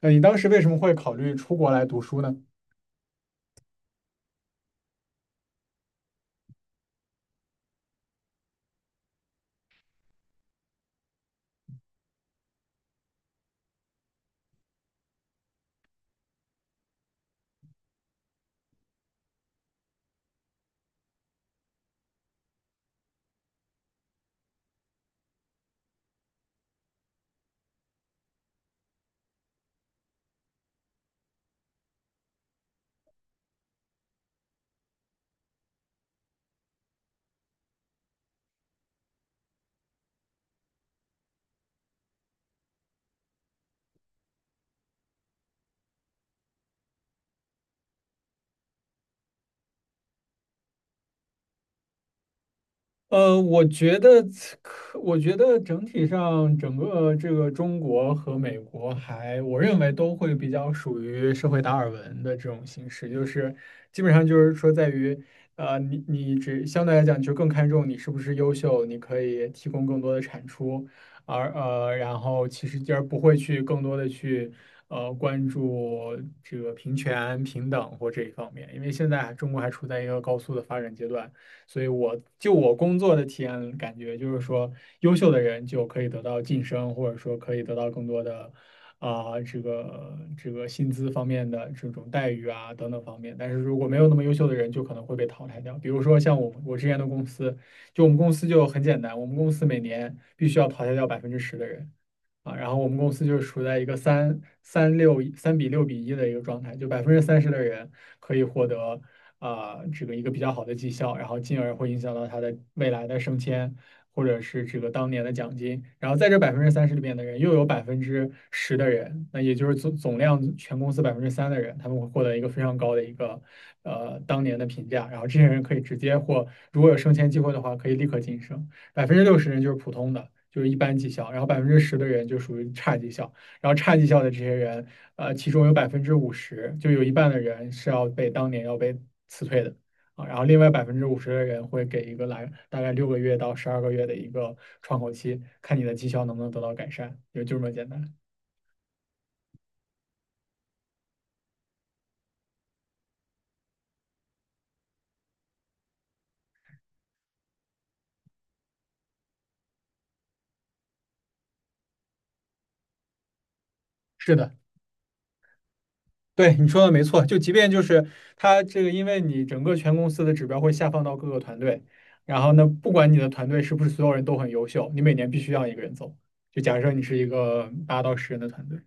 你当时为什么会考虑出国来读书呢？呃，我觉得我觉得整体上整个这个中国和美国我认为都会比较属于社会达尔文的这种形式，就是基本上就是说在于，你只相对来讲就更看重你是不是优秀，你可以提供更多的产出，然后其实不会去更多的去关注这个平权、平等或这一方面，因为现在中国还处在一个高速的发展阶段。所以我工作的体验感觉就是说，优秀的人就可以得到晋升，或者说可以得到更多的啊、这个薪资方面的这种待遇啊等等方面。但是如果没有那么优秀的人，就可能会被淘汰掉。比如说像我之前的公司，就我们公司就很简单，我们公司每年必须要淘汰掉百分之十的人。啊，然后我们公司就是处在一个三比六比一的一个状态，就百分之三十的人可以获得啊、这个一个比较好的绩效，然后进而会影响到他的未来的升迁，或者是这个当年的奖金。然后在这百分之三十里面的人，又有百分之十的人，那也就是总量全公司百分之三的人，他们会获得一个非常高的一个当年的评价，然后这些人可以直接或如果有升迁机会的话，可以立刻晋升。60%人就是普通的，就是一般绩效，然后百分之十的人就属于差绩效，然后差绩效的这些人，其中有百分之五十，就有一半的人是要被当年要被辞退的啊，然后另外百分之五十的人会给一个来大概6个月到12个月的一个窗口期，看你的绩效能不能得到改善，也就这么简单。是的，对，你说的没错，就即便就是它这个，因为你整个全公司的指标会下放到各个团队，然后呢，不管你的团队是不是所有人都很优秀，你每年必须让一个人走。就假设你是一个8到10人的团队，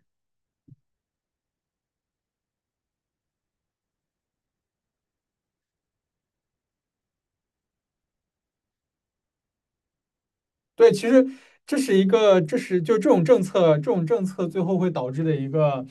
对，其实这是一个，这是就这种政策，这种政策最后会导致的一个，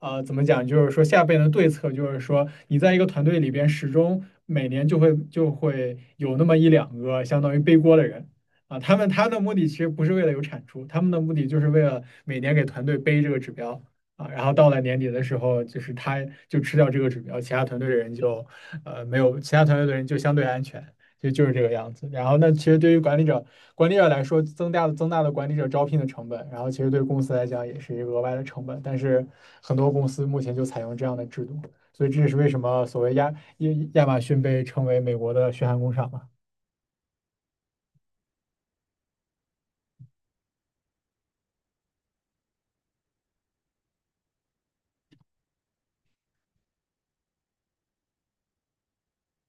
怎么讲？就是说下边的对策，就是说你在一个团队里边，始终每年就会有那么一两个相当于背锅的人啊，他们的目的其实不是为了有产出，他们的目的就是为了每年给团队背这个指标啊，然后到了年底的时候，就是他就吃掉这个指标，其他团队的人就呃没有，其他团队的人就相对安全。就是这个样子。然后，那其实对于管理者来说，增大的管理者招聘的成本，然后其实对公司来讲也是一个额外的成本。但是很多公司目前就采用这样的制度，所以这也是为什么所谓亚马逊被称为美国的血汗工厂嘛。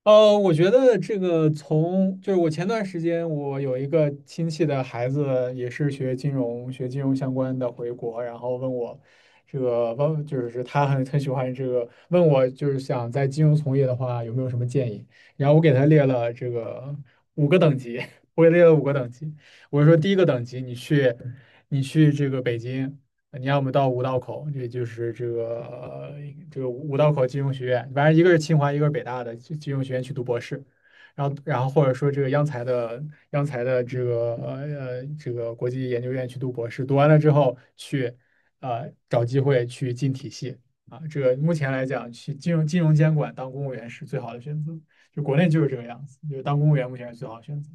我觉得这个就是我前段时间我有一个亲戚的孩子也是学金融相关的回国，然后问我这个就是他很喜欢这个问我就是想在金融从业的话有没有什么建议，然后我给他列了这个五个等级，我给列了5个等级，我说第一个等级你去这个北京。呃你要么到五道口，也就是这个这个五道口金融学院，反正一个是清华，一个是北大的金融学院去读博士，然后或者说这个央财的这个这个国际研究院去读博士，读完了之后去找机会去进体系啊，这个目前来讲去金融监管当公务员是最好的选择，就国内就是这个样子，就是当公务员目前是最好的选择，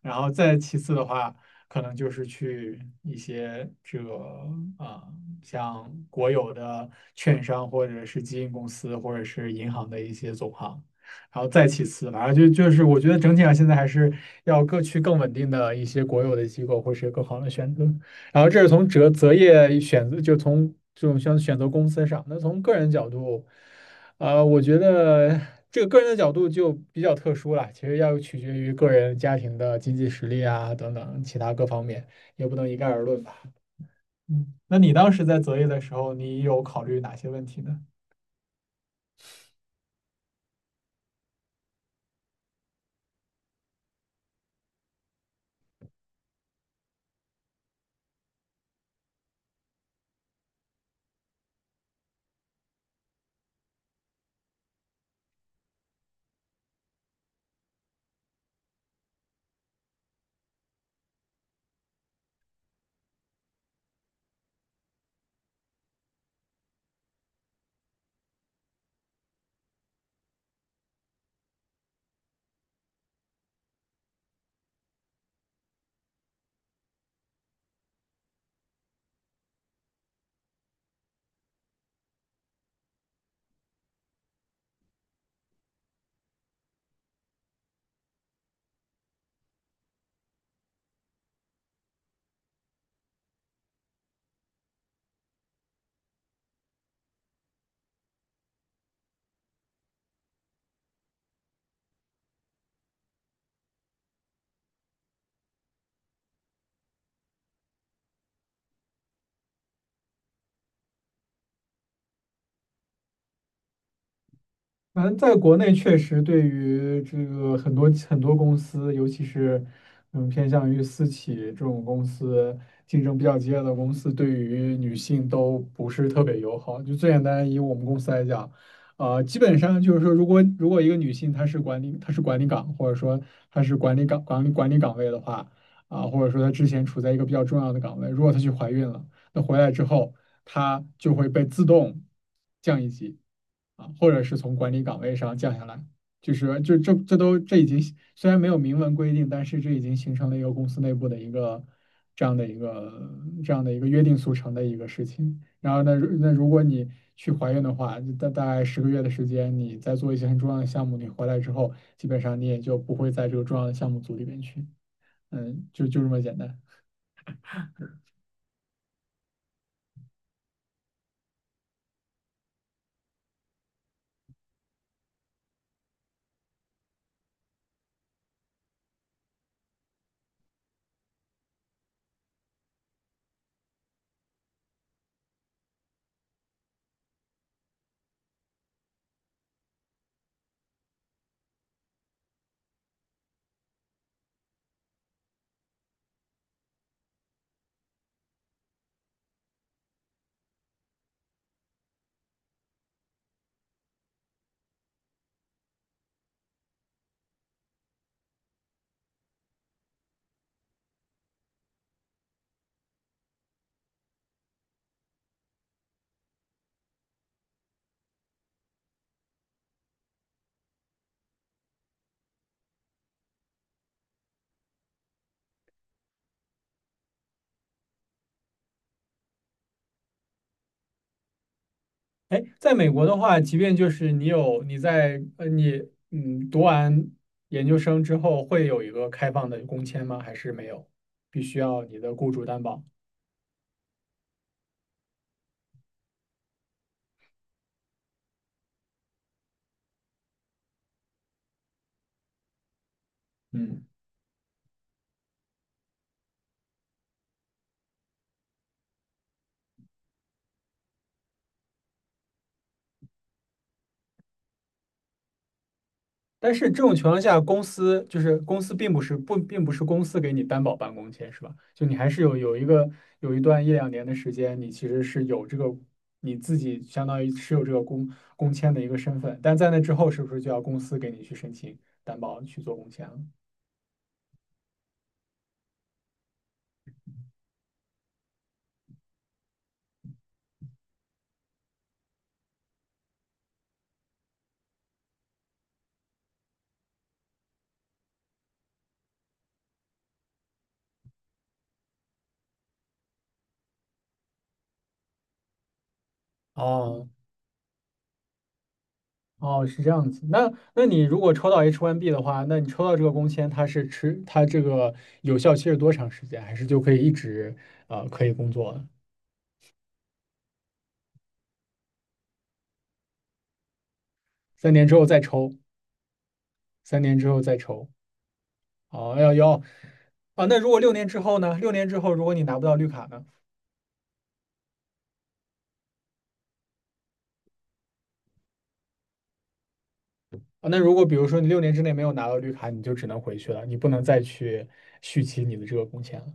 然后再其次的话。可能就是去一些这个啊、像国有的券商或者是基金公司或者是银行的一些总行，然后再其次，反正就是我觉得整体上现在还是要各去更稳定的一些国有的机构或是更好的选择。然后这是从择业选择，就从这种像选择公司上，那从个人角度。我觉得这个个人的角度就比较特殊了，其实要取决于个人家庭的经济实力啊等等其他各方面，也不能一概而论吧。嗯，那你当时在择业的时候，你有考虑哪些问题呢？反正在国内确实对于这个很多很多公司，尤其是偏向于私企这种公司，竞争比较激烈的公司，对于女性都不是特别友好。就最简单以我们公司来讲，基本上就是说，如果一个女性她是管理岗，或者说她是管理岗位的话，啊、或者说她之前处在一个比较重要的岗位，如果她去怀孕了。那回来之后，他就会被自动降一级啊，或者是从管理岗位上降下来。就是就这这都这已经虽然没有明文规定，但是这已经形成了一个公司内部的一个这样的一个这样的一个约定俗成的一个事情。然后呢，如果你去怀孕的话，大概10个月的时间，你在做一些很重要的项目，你回来之后，基本上你也就不会在这个重要的项目组里边去，嗯，就这么简单。哎，在美国的话，即便就是你有你在呃你嗯读完研究生之后，会有一个开放的工签吗？还是没有？必须要你的雇主担保。嗯，但是这种情况下，公司并不是公司给你担保办公签是吧？就你还是有一个有一段1到2年的时间，你其实是有这个你自己相当于持有这个工签的一个身份，但在那之后，是不是就要公司给你去申请担保去做工签了？哦，哦，是这样子。那你如果抽到 H1B 的话，那你抽到这个工签，它是持它这个有效期是多长时间？还是就可以一直可以工作了三年之后再抽，三年之后再抽。哦，要啊。那如果六年之后呢？六年之后如果你拿不到绿卡呢？啊，那如果比如说你6年之内没有拿到绿卡，你就只能回去了，你不能再去续期你的这个工签了。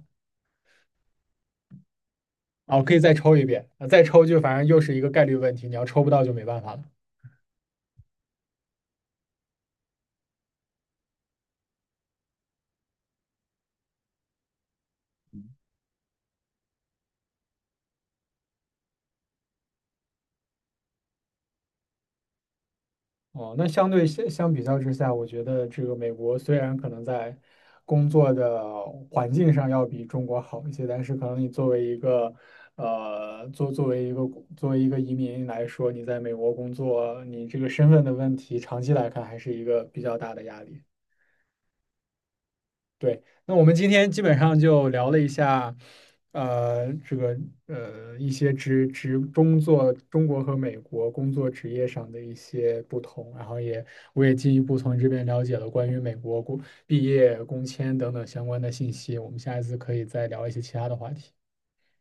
哦，可以再抽一遍，啊，再抽就反正又是一个概率问题，你要抽不到就没办法了。哦，那相对相相比较之下，我觉得这个美国虽然可能在工作的环境上要比中国好一些，但是可能你作为一个呃，作作为一个作为一个移民来说，你在美国工作，你这个身份的问题，长期来看还是一个比较大的压力。对，那我们今天基本上就聊了一下，呃，这个一些工作中国和美国工作职业上的一些不同，然后我也进一步从这边了解了关于美国毕业工签等等相关的信息，我们下一次可以再聊一些其他的话题。